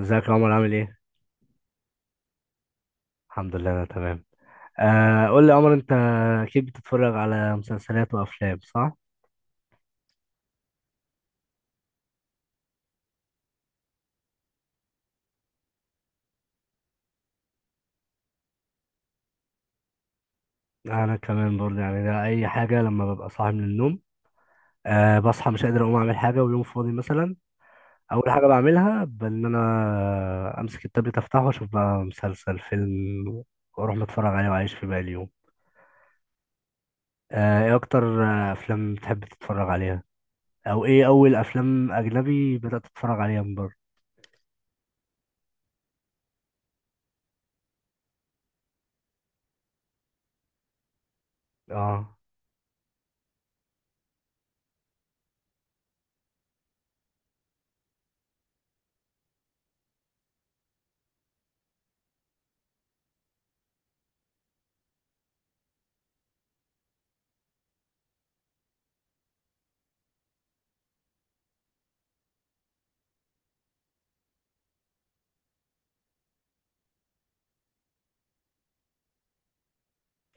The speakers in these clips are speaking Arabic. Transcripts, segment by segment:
ازيك يا عمر؟ عامل ايه؟ الحمد لله انا تمام. آه قول لي يا عمر، انت اكيد بتتفرج على مسلسلات وافلام صح؟ انا كمان برضه، ده اي حاجه لما ببقى صاحي من النوم. آه بصحى مش قادر اقوم اعمل حاجه، ويوم فاضي مثلا اول حاجه بعملها بان انا امسك التابلت افتحه واشوف بقى مسلسل فيلم، واروح متفرج عليه واعيش في باقي اليوم. آه ايه اكتر افلام بتحب تتفرج عليها؟ او ايه اول افلام اجنبي بدأت تتفرج عليها من بره؟ اه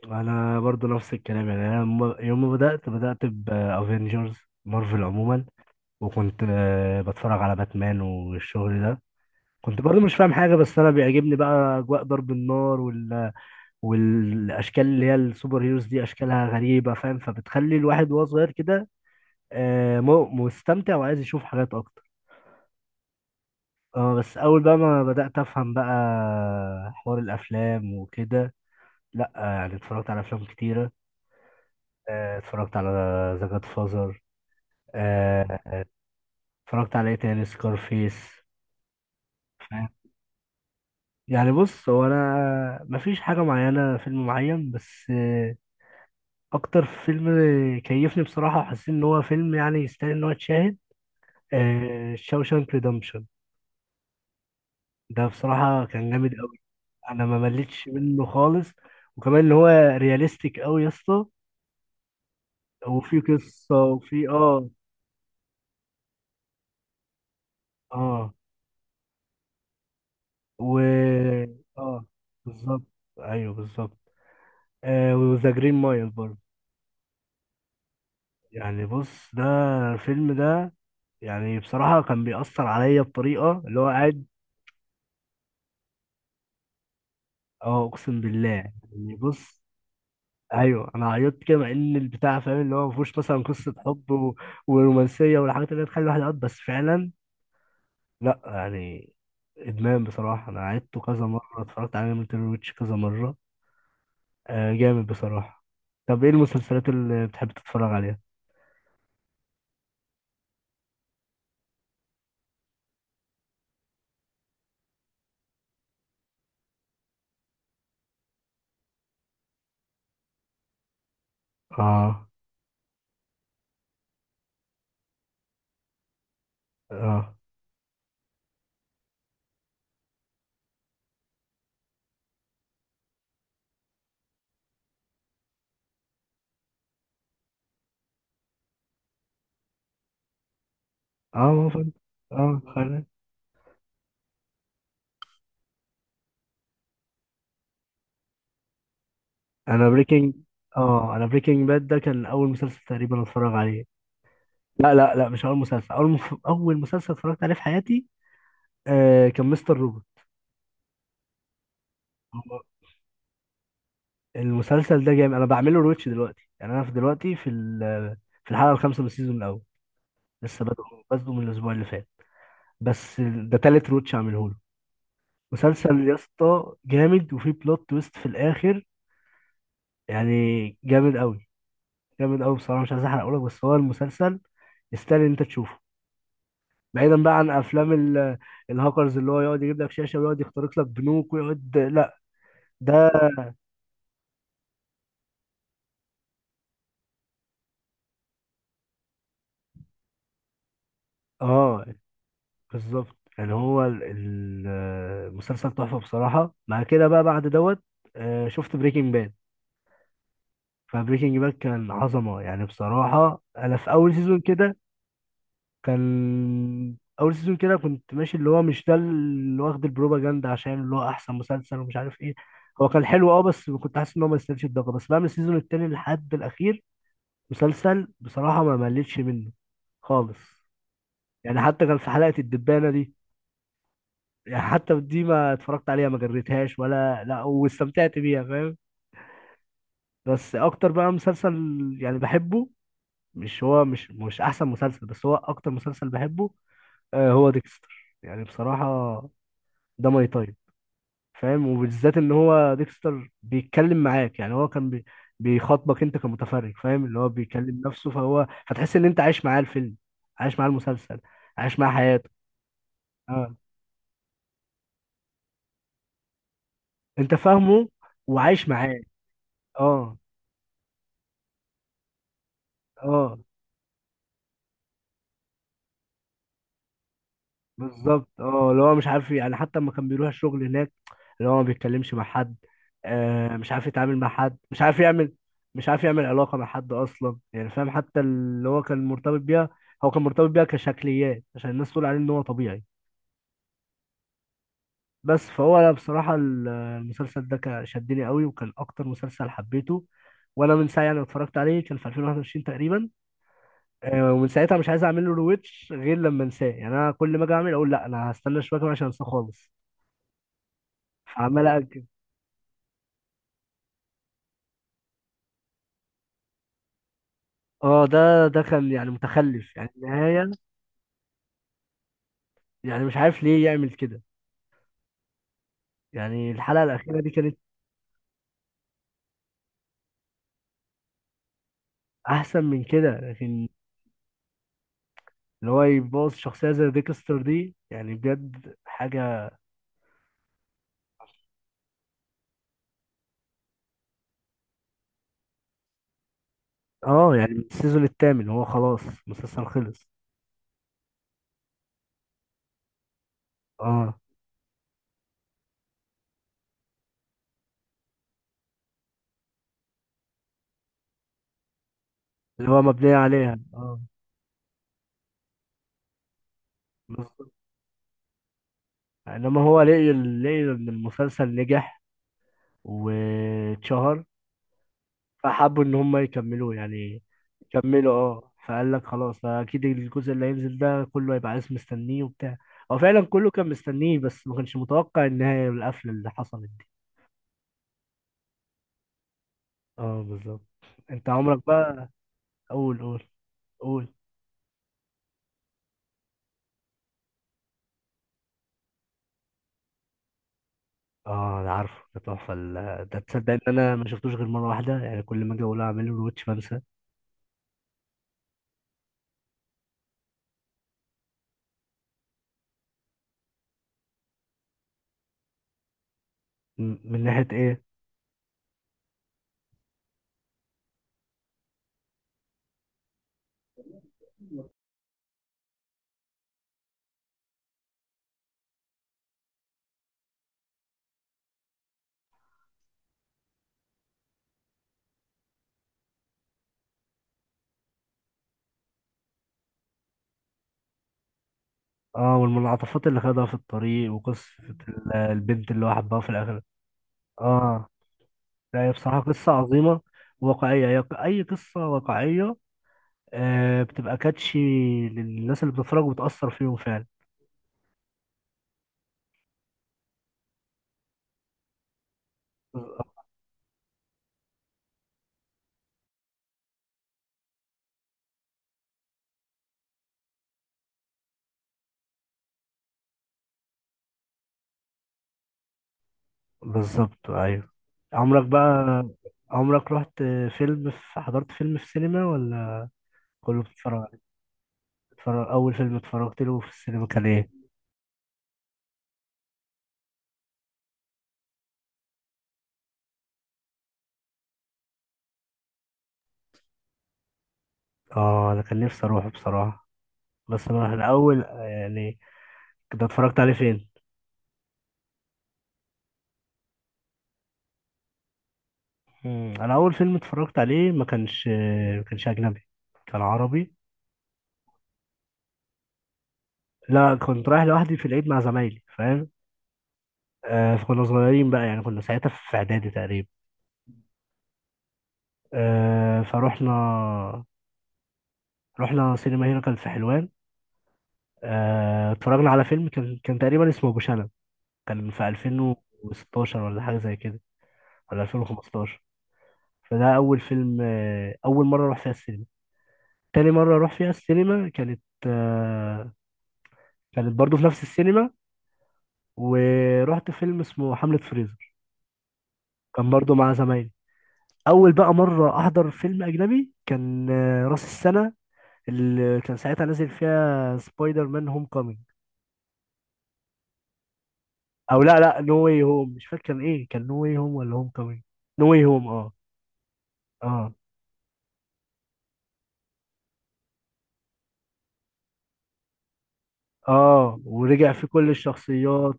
انا برضو نفس الكلام، يوم ما بدات بافنجرز، مارفل عموما. وكنت بتفرج على باتمان والشغل ده، كنت برضو مش فاهم حاجه، بس انا بيعجبني بقى اجواء ضرب النار والاشكال اللي هي السوبر هيروز دي اشكالها غريبه، فاهم؟ فبتخلي الواحد وهو صغير كده مستمتع وعايز يشوف حاجات اكتر. اه بس اول بقى ما بدات افهم بقى حوار الافلام وكده، لا يعني اتفرجت على افلام كتيره. اتفرجت على ذا جاد، آه، اتفرجت على ايه تاني سكارفيس. فاهم؟ يعني بص، هو انا مفيش حاجه معينه فيلم معين، بس اكتر فيلم كيفني بصراحه وحسيت ان هو فيلم يعني يستاهل ان هو يتشاهد، شاوشانك ريدمشن. ده بصراحه كان جامد قوي، انا ما مليتش منه خالص. وكمان ان هو رياليستيك قوي يا اسطى، وفي قصه وفي اه. اه، و اه، بالظبط. ايوه بالظبط. آه وذا جرين مايل برضه، يعني بص ده الفيلم ده، يعني بصراحة كان بيأثر عليا بطريقة اللي هو قاعد. اه اقسم بالله، يعني بص ايوه انا عيطت كده، مع ان البتاع، فاهم؟ اللي هو ما فيهوش مثلا قصة حب ورومانسية والحاجات اللي هي تخلي الواحد يعيط، بس فعلا لا يعني ادمان بصراحة. انا عيدته كذا مرة، اتفرجت عليه من تيري ويتش كذا مرة. آه جامد بصراحة. طب ايه المسلسلات اللي بتحب تتفرج عليها؟ اه، اه. اه، ما فهمت. اه انا بريكنج. اه انا بريكنج باد ده كان اول مسلسل تقريبا اتفرج عليه. لا، مش اول مسلسل، اول مسلسل اتفرجت عليه في حياتي آه كان مستر روبوت. هو المسلسل ده جامد، انا بعمله روتش دلوقتي، يعني انا في دلوقتي في في الحلقه الخامسه من السيزون الاول، لسه بادئ، بادئه من الاسبوع اللي فات. بس ده تالت روتش اعمله له. مسلسل يا اسطى جامد، وفيه بلوت تويست في الاخر، يعني جامد قوي. جامد قوي بصراحه، مش عايز احرقه لك، بس هو المسلسل يستاهل إن انت تشوفه. بعيدا بقى عن افلام الهاكرز اللي هو يقعد يجيب لك شاشه ويقعد يخترق لك بنوك ويقعد، لا ده اه بالظبط. يعني هو المسلسل تحفه بصراحه. مع كده بقى بعد دوت، شفت بريكنج باد. فبريكنج باد كان عظمه يعني بصراحه. انا في اول سيزون كده، كان اول سيزون كده كنت ماشي اللي هو، مش ده اللي واخد البروباجندا عشان اللي هو احسن مسلسل ومش عارف ايه. هو كان حلو اه، بس كنت حاسس ان هو ما يستاهلش الضجه، بس بقى من السيزون التاني لحد الاخير مسلسل بصراحة ما مليتش منه خالص. يعني حتى كان في حلقة الدبانة دي، يعني حتى دي ما اتفرجت عليها، ما جريتهاش ولا لا، واستمتعت بيها فاهم. بس اكتر بقى مسلسل يعني بحبه، مش هو مش احسن مسلسل، بس هو اكتر مسلسل بحبه آه، هو ديكستر يعني بصراحة. ده ماي تايب، فاهم؟ وبالذات ان هو ديكستر بيتكلم معاك، يعني هو كان بيخاطبك انت كمتفرج، فاهم؟ اللي هو بيكلم نفسه، فهو فتحس ان انت عايش معاه الفيلم، عايش معاه المسلسل، عايش معاه حياته. اه انت فاهمه وعايش معاه. اه، اه بالظبط. اه اللي هو مش عارف، يعني حتى لما كان بيروح الشغل هناك اللي هو ما بيتكلمش مع حد، آه مش عارف يتعامل مع حد، مش عارف يعمل، مش عارف يعمل علاقة مع حد أصلا يعني، فاهم؟ حتى اللي هو كان مرتبط بيها، هو كان مرتبط بيها كشكليات عشان الناس تقول عليه إن هو طبيعي. بس فهو أنا بصراحة المسلسل ده كان شدني قوي وكان أكتر مسلسل حبيته. وأنا من ساعة يعني اتفرجت عليه، كان في 2021 تقريبا، ومن ساعتها مش عايز أعمل له رويتش غير لما أنساه. يعني أنا كل ما أجي أعمل أقول لا أنا هستنى شوية كمان عشان أنساه خالص، عمال أأجل. اه ده ده كان يعني متخلف، يعني النهاية يعني مش عارف ليه يعمل كده. يعني الحلقة الأخيرة دي كانت أحسن من كده لكن، اللي هو يبوظ شخصية زي ديكستر دي يعني بجد حاجة. اه، يعني من السيزون الثامن هو خلاص المسلسل خلص. اه اللي هو مبنية عليها اه بالظبط. انما هو لقي ان المسلسل نجح واتشهر، فحبوا ان هم يكملوا يعني، كملوا اه. فقال لك خلاص، فاكيد الجزء اللي هينزل ده كله هيبقى عايز مستنيه وبتاع. هو فعلا كله كان مستنيه، بس ما كانش متوقع النهايه والقفله اللي حصلت دي. اه بالظبط. انت عمرك بقى، قول قول. قول اه انا عارفه، ده تحفه ده تصدق ان انا ما شفتوش غير مره واحده؟ يعني كل ما اجي اقول اعمله الواتش بنسى. من ناحيه ايه؟ اه والمنعطفات اللي خدها في الطريق، وقصه البنت اللي هو حبها في الاخر. اه لا هي بصراحة قصة عظيمة واقعية. هي أي قصة واقعية بتبقى كاتشي للناس اللي بتتفرج، وبتأثر فيهم فعلا. بالظبط أيوه. عمرك بقى، عمرك رحت فيلم في، حضرت فيلم في سينما، ولا كله بتتفرج عليه؟ بتتفرج، أول فيلم اتفرجت له في السينما كان إيه؟ آه أنا كان نفسي أروحه بصراحة. بس أنا أول يعني، كنت اتفرجت عليه فين؟ مم، أنا أول فيلم اتفرجت عليه ما كانش، ما كانش أجنبي، كان عربي. لا كنت رايح لوحدي في العيد مع زمايلي، فاهم؟ آه فكنا صغيرين بقى، يعني كنا ساعتها في اعدادي تقريبا، آه فروحنا، رحنا سينما هنا كانت في حلوان. آه اتفرجنا على فيلم كان تقريبا اسمه ابو شنب، كان في 2016 ولا حاجه زي كده، ولا 2015. فده اول فيلم آه، اول مره اروح فيها السينما. تاني مره اروح فيها السينما كانت آه كانت برضو في نفس السينما، ورحت فيلم اسمه حملة فريزر. كان برضو مع زمايلي. اول بقى مره احضر فيلم اجنبي كان راس السنه اللي كان ساعتها نازل فيها سبايدر مان هوم كومينج. او لا لا نو واي هوم، مش فاكر كان ايه، كان نو واي هوم ولا هوم كومينج؟ نو واي هوم اه. اه اه، ورجع فيه كل الشخصيات،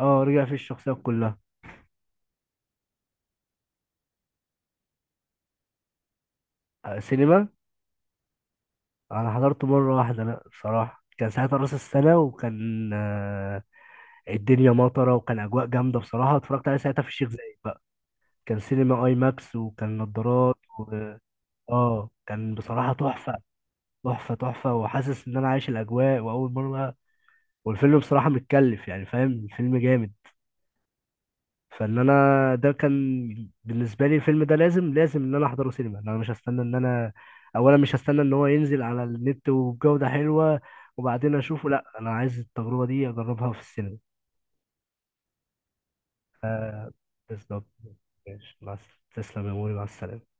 اه رجع فيه الشخصيات كلها. آه، سينما. انا حضرته مره واحده لا بصراحه. كان ساعتها راس السنه وكان الدنيا مطره وكان اجواء جامده بصراحه. اتفرجت عليه ساعتها في الشيخ زايد بقى، كان سينما اي ماكس وكان نضارات. اه كان بصراحة تحفة. تحفة وحاسس ان انا عايش الاجواء واول مرة. والفيلم بصراحة متكلف، يعني فاهم الفيلم جامد. فان انا ده كان بالنسبة لي الفيلم ده لازم ان انا احضره سينما. إن انا مش هستنى ان انا، اولا مش هستنى ان هو ينزل على النت وبجودة حلوة وبعدين اشوفه، لا انا عايز التجربة دي اجربها في السينما. بالظبط. ماشي مع تسلم يا موري، مع السلامة.